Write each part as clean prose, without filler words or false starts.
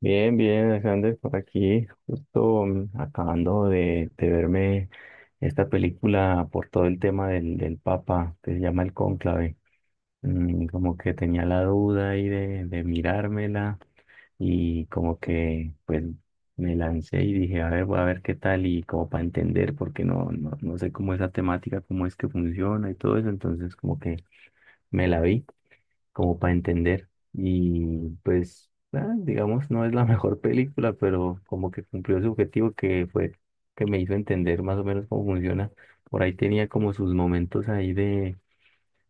Bien, bien, Alexander, por aquí, justo acabando de verme esta película por todo el tema del Papa, que se llama El Cónclave. Como que tenía la duda ahí de mirármela y como que pues me lancé y dije, a ver, voy a ver qué tal y como para entender, porque no sé cómo es la temática, cómo es que funciona y todo eso, entonces como que me la vi como para entender. Y pues, ah, digamos, no es la mejor película, pero como que cumplió su objetivo que fue que me hizo entender más o menos cómo funciona. Por ahí tenía como sus momentos ahí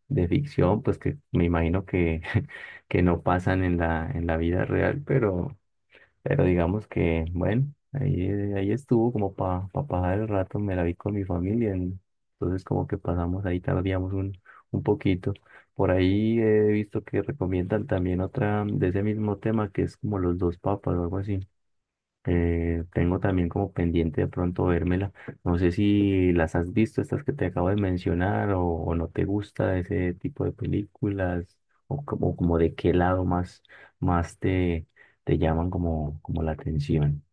de ficción, pues que me imagino que, que no pasan en la vida real, pero digamos que, bueno, ahí, ahí estuvo como para pasar el rato, me la vi con mi familia, entonces como que pasamos ahí, tardíamos un poquito. Por ahí he visto que recomiendan también otra de ese mismo tema que es como los dos papas o algo así. Tengo también como pendiente de pronto vérmela. No sé si las has visto, estas que te acabo de mencionar, o no te gusta ese tipo de películas, o como, como de qué lado más, más te, te llaman como, como la atención.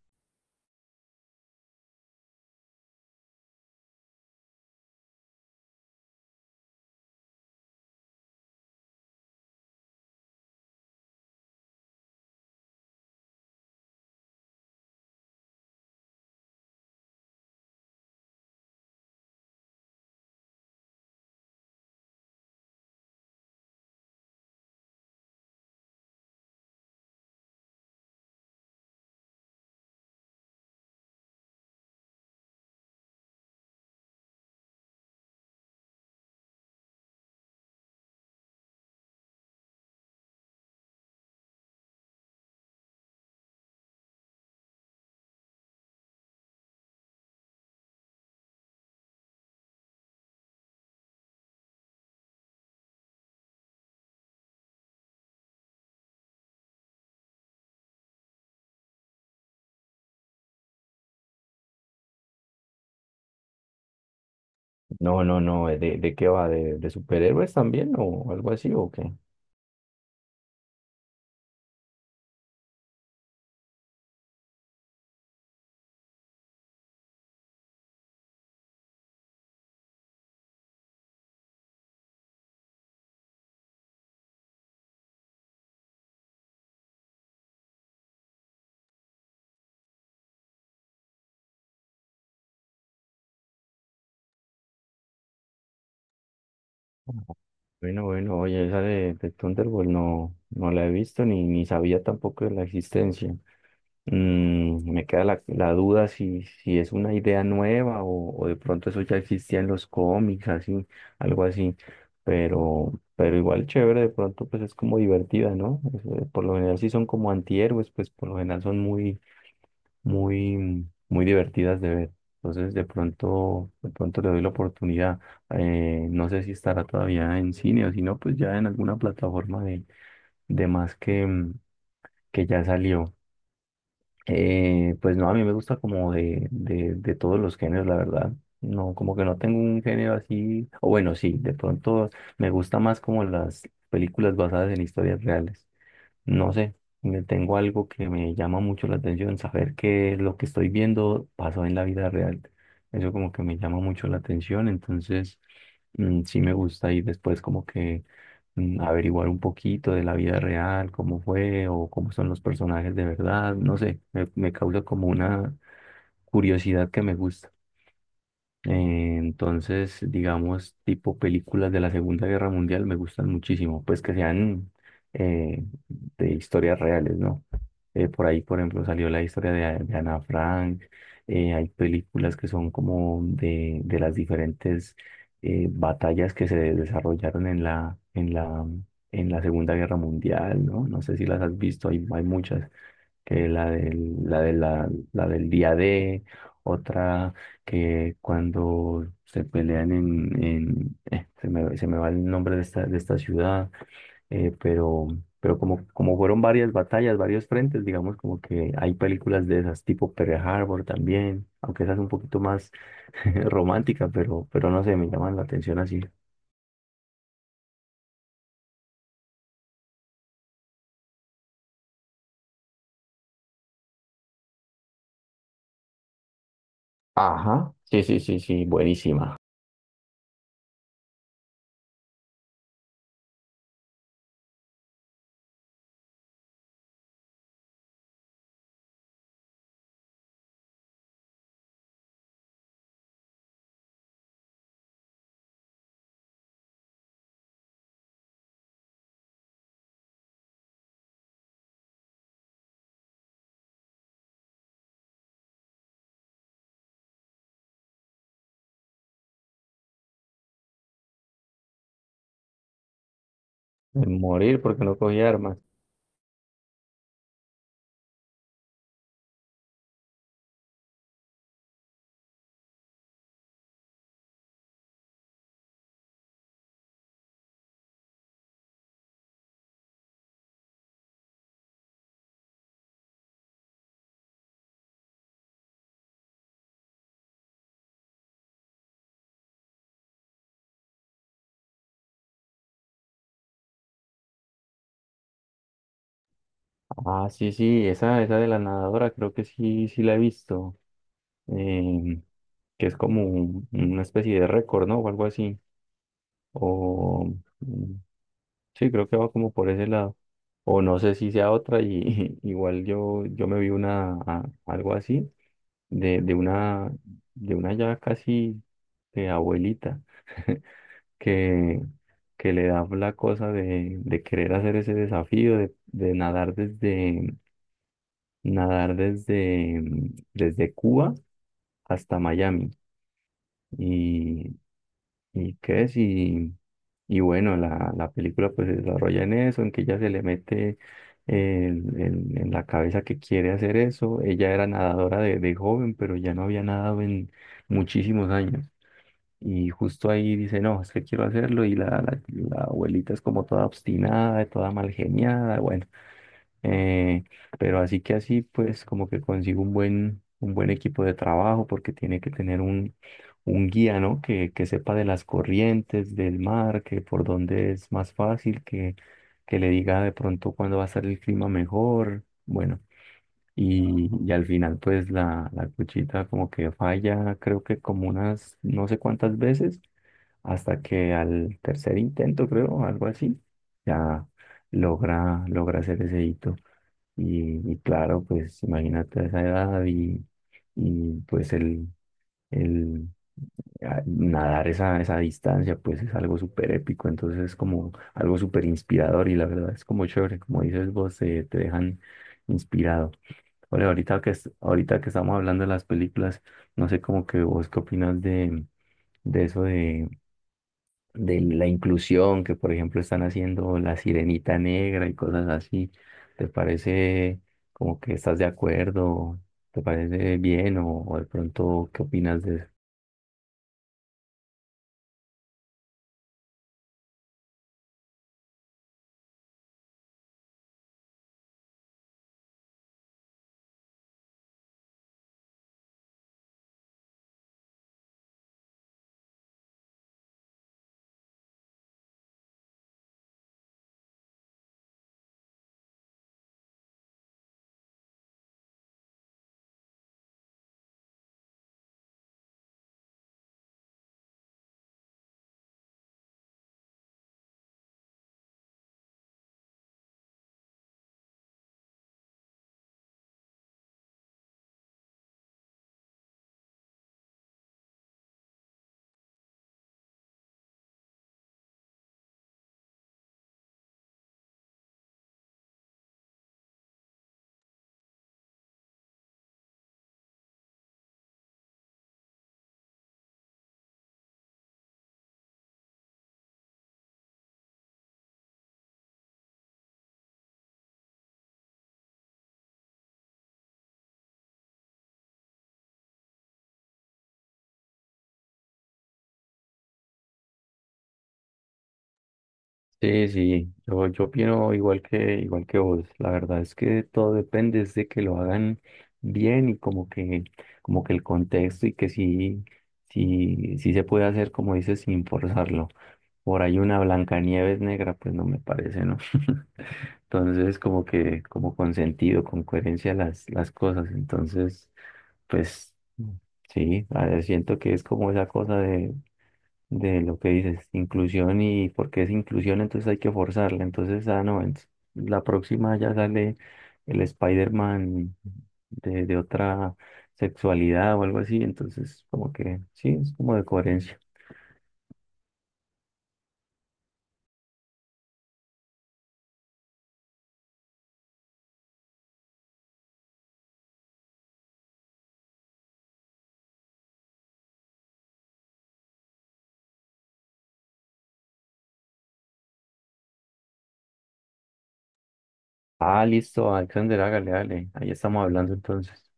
No, no, no, ¿De, de qué va? De superhéroes también o algo así o qué? Bueno, bueno, oye, esa de Thunderbolt no, no la he visto ni sabía tampoco de la existencia. Me queda la, la duda si es una idea nueva o de pronto eso ya existía en los cómics, así, algo así. Pero igual chévere, de pronto pues es como divertida, ¿no? Es, por lo general si son como antihéroes, pues por lo general son muy, muy divertidas de ver. Entonces de pronto le doy la oportunidad. No sé si estará todavía en cine o si no, pues ya en alguna plataforma de más que, que ya salió. Pues no, a mí me gusta como de todos los géneros, la verdad. No, como que no tengo un género así, o bueno, sí, de pronto me gusta más como las películas basadas en historias reales. No sé, me tengo algo que me llama mucho la atención, saber que lo que estoy viendo pasó en la vida real. Eso como que me llama mucho la atención, entonces sí me gusta y después como que averiguar un poquito de la vida real, cómo fue o cómo son los personajes de verdad, no sé, me causa como una curiosidad que me gusta. Entonces, digamos, tipo películas de la Segunda Guerra Mundial me gustan muchísimo, pues que sean de historias reales, ¿no? Por ahí, por ejemplo, salió la historia de Ana Frank, hay películas que son como de las diferentes batallas que se desarrollaron en la, en la Segunda Guerra Mundial, ¿no? No sé si las has visto, hay muchas que la del, la de la, la del día D, otra que cuando se pelean en se me va el nombre de esta ciudad, eh, pero, pero como, como fueron varias batallas, varios frentes, digamos como que hay películas de esas, tipo Pearl Harbor también, aunque esa es un poquito más romántica, pero no sé, me llaman la atención así. Ajá, sí, sí, sí, sí, buenísima. Morir porque no cogí armas. Ah, sí, sí, esa de la nadadora creo que sí, sí la he visto. em, que es como una especie de récord, ¿no? O algo así. O mm, sí, creo que va como por ese lado. O no sé si sea otra, y igual yo, yo me vi una algo así, de, de una, de una ya casi de abuelita, que, que le da la cosa de querer hacer ese desafío de nadar desde, desde Cuba hasta Miami. Y, y qué es, y bueno, la película pues se desarrolla en eso, en que ella se le mete en la cabeza que quiere hacer eso. Ella era nadadora de joven, pero ya no había nadado en muchísimos años. Y justo ahí dice, no, es que quiero hacerlo. Y la abuelita es como toda obstinada, toda mal geniada. Bueno, eh, pero así que así, pues como que consigo un buen equipo de trabajo porque tiene que tener un guía, ¿no? Que sepa de las corrientes del mar, que por dónde es más fácil, que le diga de pronto cuándo va a estar el clima mejor. Bueno, y al final pues la cuchita como que falla, creo que como unas no sé cuántas veces, hasta que al tercer intento, creo, algo así, ya logra, logra hacer ese hito. Y claro, pues imagínate a esa edad y pues el nadar esa, esa distancia, pues es algo súper épico, entonces es como algo súper inspirador y la verdad es como chévere, como dices vos, te dejan inspirado. Oye, ahorita que, ahorita que estamos hablando de las películas, no sé como que vos qué opinas de eso de la inclusión que, por ejemplo, están haciendo la sirenita negra y cosas así. ¿Te parece como que estás de acuerdo? ¿Te parece bien o de pronto qué opinas de eso? Sí, sí, yo opino igual que vos. La verdad es que todo depende es de que lo hagan bien y como que el contexto y que sí se puede hacer, como dices, sin forzarlo. Por ahí una Blancanieves negra, pues no me parece, ¿no? Entonces, como que, como con sentido, con coherencia las cosas. Entonces, pues sí, a ver, siento que es como esa cosa de lo que dices, inclusión y porque es inclusión, entonces hay que forzarla. Entonces, ah, no, la próxima ya sale el Spider-Man de otra sexualidad o algo así. Entonces, como que sí, es como de coherencia. Ah, listo, Alexander, hágale, hágale. Ahí estamos hablando entonces.